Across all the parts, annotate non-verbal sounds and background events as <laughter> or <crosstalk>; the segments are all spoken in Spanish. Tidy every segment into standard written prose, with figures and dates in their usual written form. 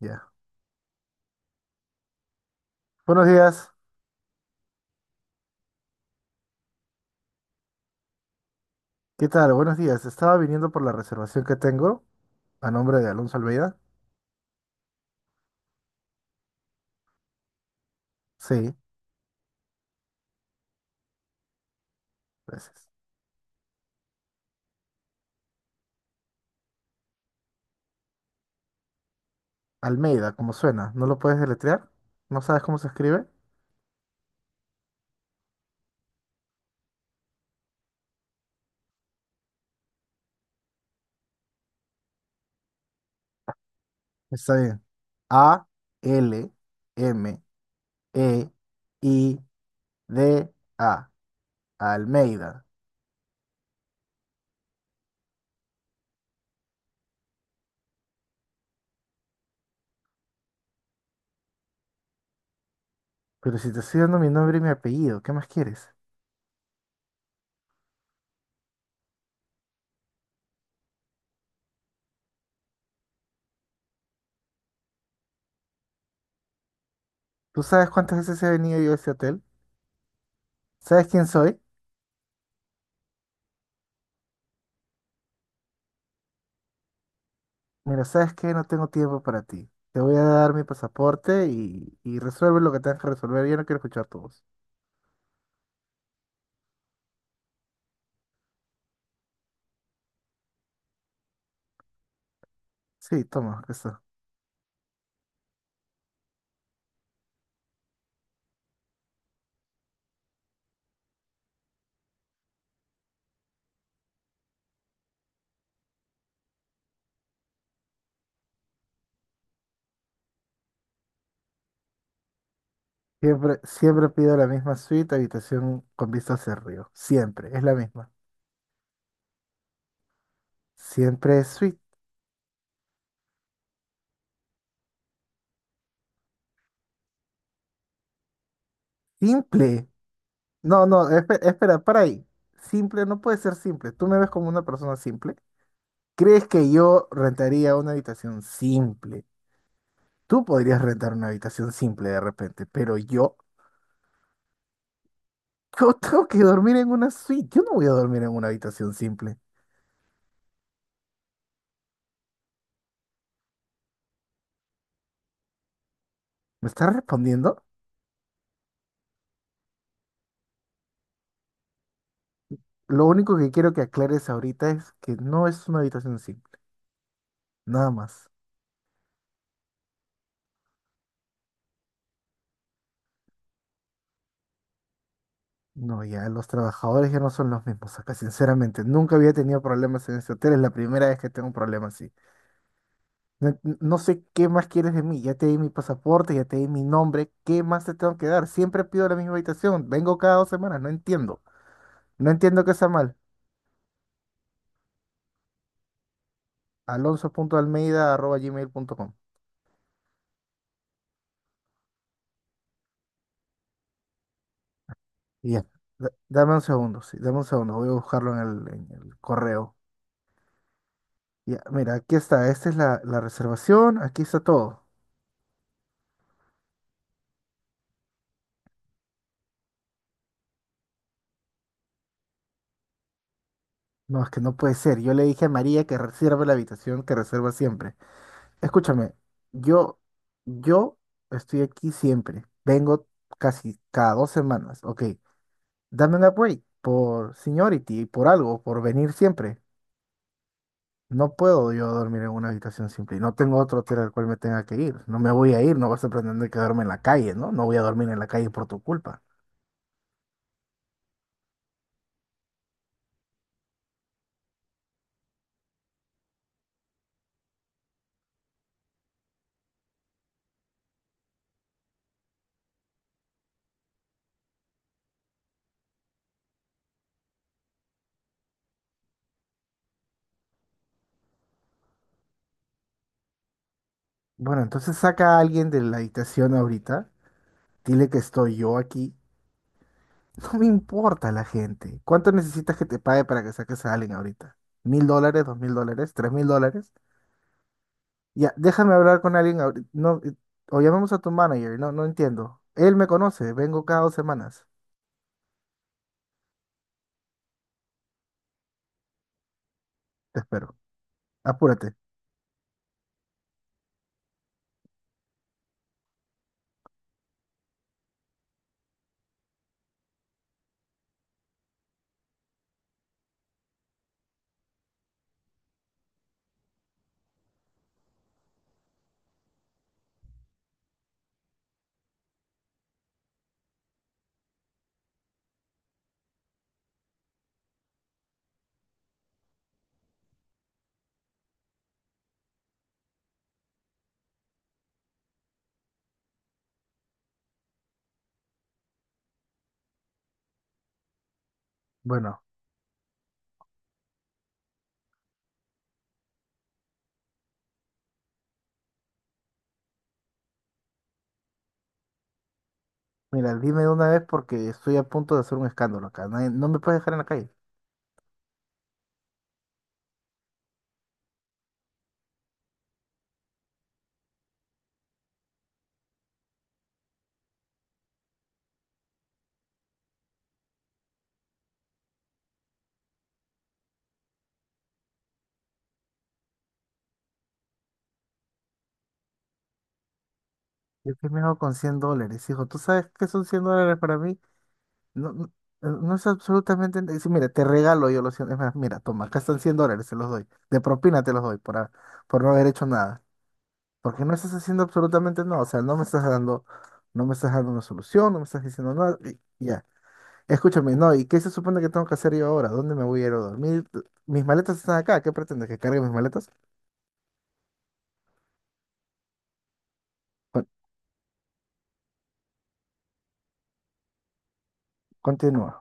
Ya. Buenos días. ¿Qué tal? Buenos días. Estaba viniendo por la reservación que tengo a nombre de Alonso Almeida. Sí, gracias. Almeida, como suena. ¿No lo puedes deletrear? ¿No sabes cómo se escribe? Está bien. Almeida. Almeida. Pero si te estoy dando mi nombre y mi apellido, ¿qué más quieres? ¿Tú sabes cuántas veces he venido yo a este hotel? ¿Sabes quién soy? Mira, ¿sabes qué? No tengo tiempo para ti. Te voy a dar mi pasaporte y resuelve lo que tengas que resolver. Yo no quiero escuchar tu voz. Sí, toma, acá está. Siempre, siempre pido la misma suite, habitación con vista hacia el río. Siempre, es la misma. Siempre es suite. Simple. No, no, espera, para ahí. Simple no puede ser simple. ¿Tú me ves como una persona simple? ¿Crees que yo rentaría una habitación simple? Tú podrías rentar una habitación simple de repente, pero yo. Yo tengo que dormir en una suite. Yo no voy a dormir en una habitación simple. ¿Me estás respondiendo? Lo único que quiero que aclares ahorita es que no es una habitación simple. Nada más. No, ya los trabajadores ya no son los mismos acá, sinceramente. Nunca había tenido problemas en este hotel. Es la primera vez que tengo un problema así. No, no sé qué más quieres de mí. Ya te di mi pasaporte, ya te di mi nombre. ¿Qué más te tengo que dar? Siempre pido la misma habitación. Vengo cada 2 semanas. No entiendo. No entiendo qué está mal. Alonso punto Almeida arroba gmail punto com. Ya, dame un segundo, sí, dame un segundo, voy a buscarlo en el correo. Ya, mira, aquí está, esta es la reservación, aquí está todo. No, es que no puede ser, yo le dije a María que reserve la habitación que reserva siempre. Escúchame, yo, yo estoy aquí siempre, vengo casi cada 2 semanas, ok. Dame un upgrade por seniority, por algo, por venir siempre. No puedo yo dormir en una habitación simple y no tengo otro hotel al cual me tenga que ir. No me voy a ir, no vas a pretender quedarme en la calle, ¿no? No voy a dormir en la calle por tu culpa. Bueno, entonces saca a alguien de la habitación ahorita, dile que estoy yo aquí. <laughs> No me importa la gente. ¿Cuánto necesitas que te pague para que saques a alguien ahorita? ¿$1,000, $2,000, $3,000? Ya, déjame hablar con alguien ahorita. No, o llamemos a tu manager, no, no entiendo. Él me conoce, vengo cada 2 semanas. Te espero. Apúrate. Bueno. Mira, dime de una vez porque estoy a punto de hacer un escándalo acá. No, me puedes dejar en la calle. Yo qué me hago con $100, hijo. ¿Tú sabes qué son $100 para mí? No, no, no es absolutamente... sí, mira, te regalo yo los 100. Es más, mira, toma, acá están $100, se los doy. De propina te los doy por no haber hecho nada. Porque no estás haciendo absolutamente nada. O sea, no me estás dando... No me estás dando una solución, no me estás diciendo nada. Y ya. Escúchame, no, ¿y qué se supone que tengo que hacer yo ahora? ¿Dónde me voy a ir a dormir? Mis maletas están acá. ¿Qué pretendes? ¿Que cargue mis maletas? Con- Continúa.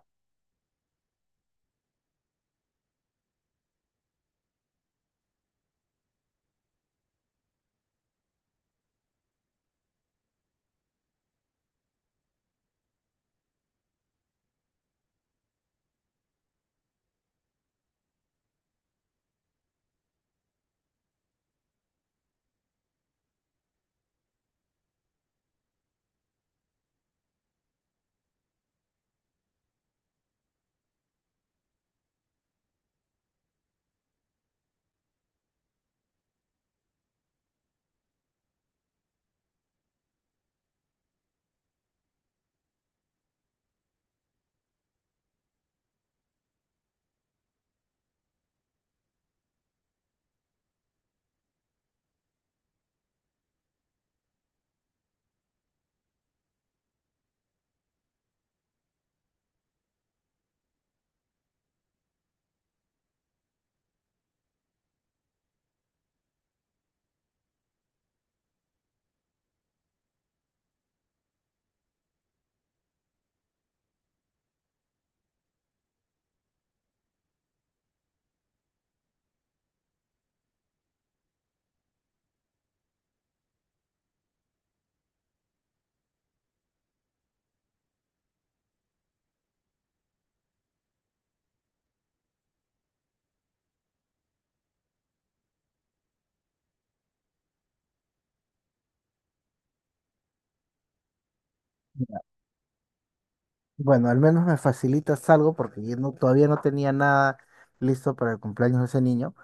Bueno, al menos me facilitas algo porque yo todavía no tenía nada listo para el cumpleaños de ese niño.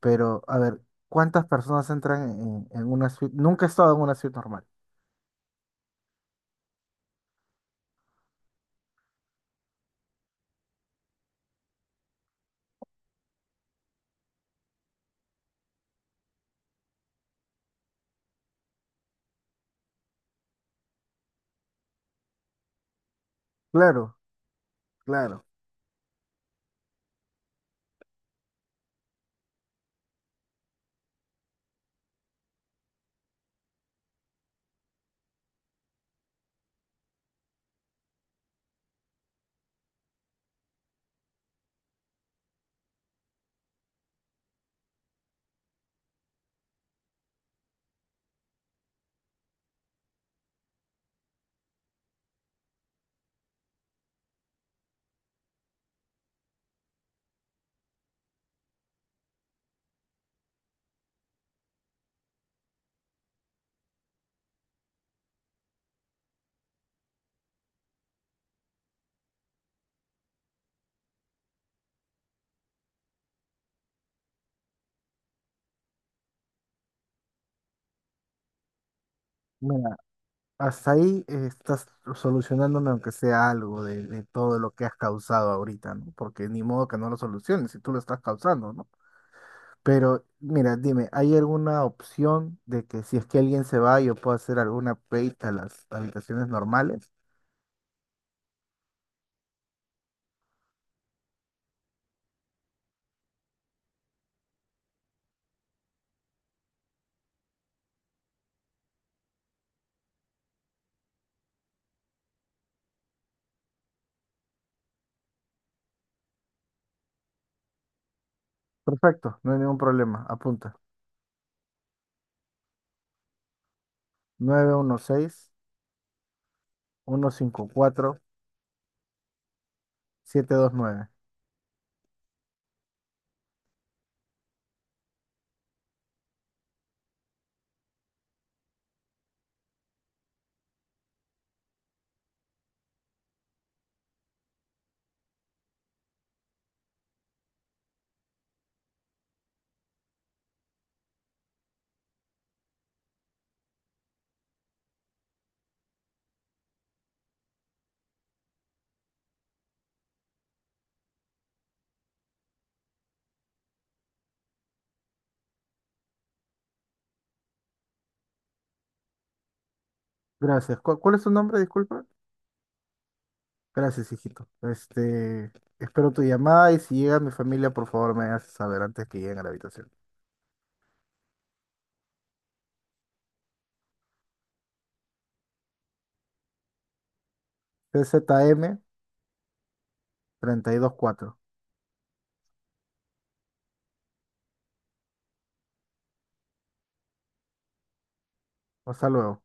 Pero, a ver, ¿cuántas personas entran en una suite? Nunca he estado en una suite normal. Claro, claro. Mira, hasta ahí estás solucionándome aunque sea algo de todo lo que has causado ahorita, ¿no? Porque ni modo que no lo soluciones si tú lo estás causando, ¿no? Pero, mira, dime, ¿hay alguna opción de que si es que alguien se va, yo pueda hacer alguna upgrade a las habitaciones normales? Perfecto, no hay ningún problema. Apunta. 9116154729. Gracias. ¿Cuál es tu nombre? Disculpa. Gracias, hijito. Este, espero tu llamada y si llega mi familia, por favor, me haces saber antes que lleguen a la habitación. CZM4. Hasta luego.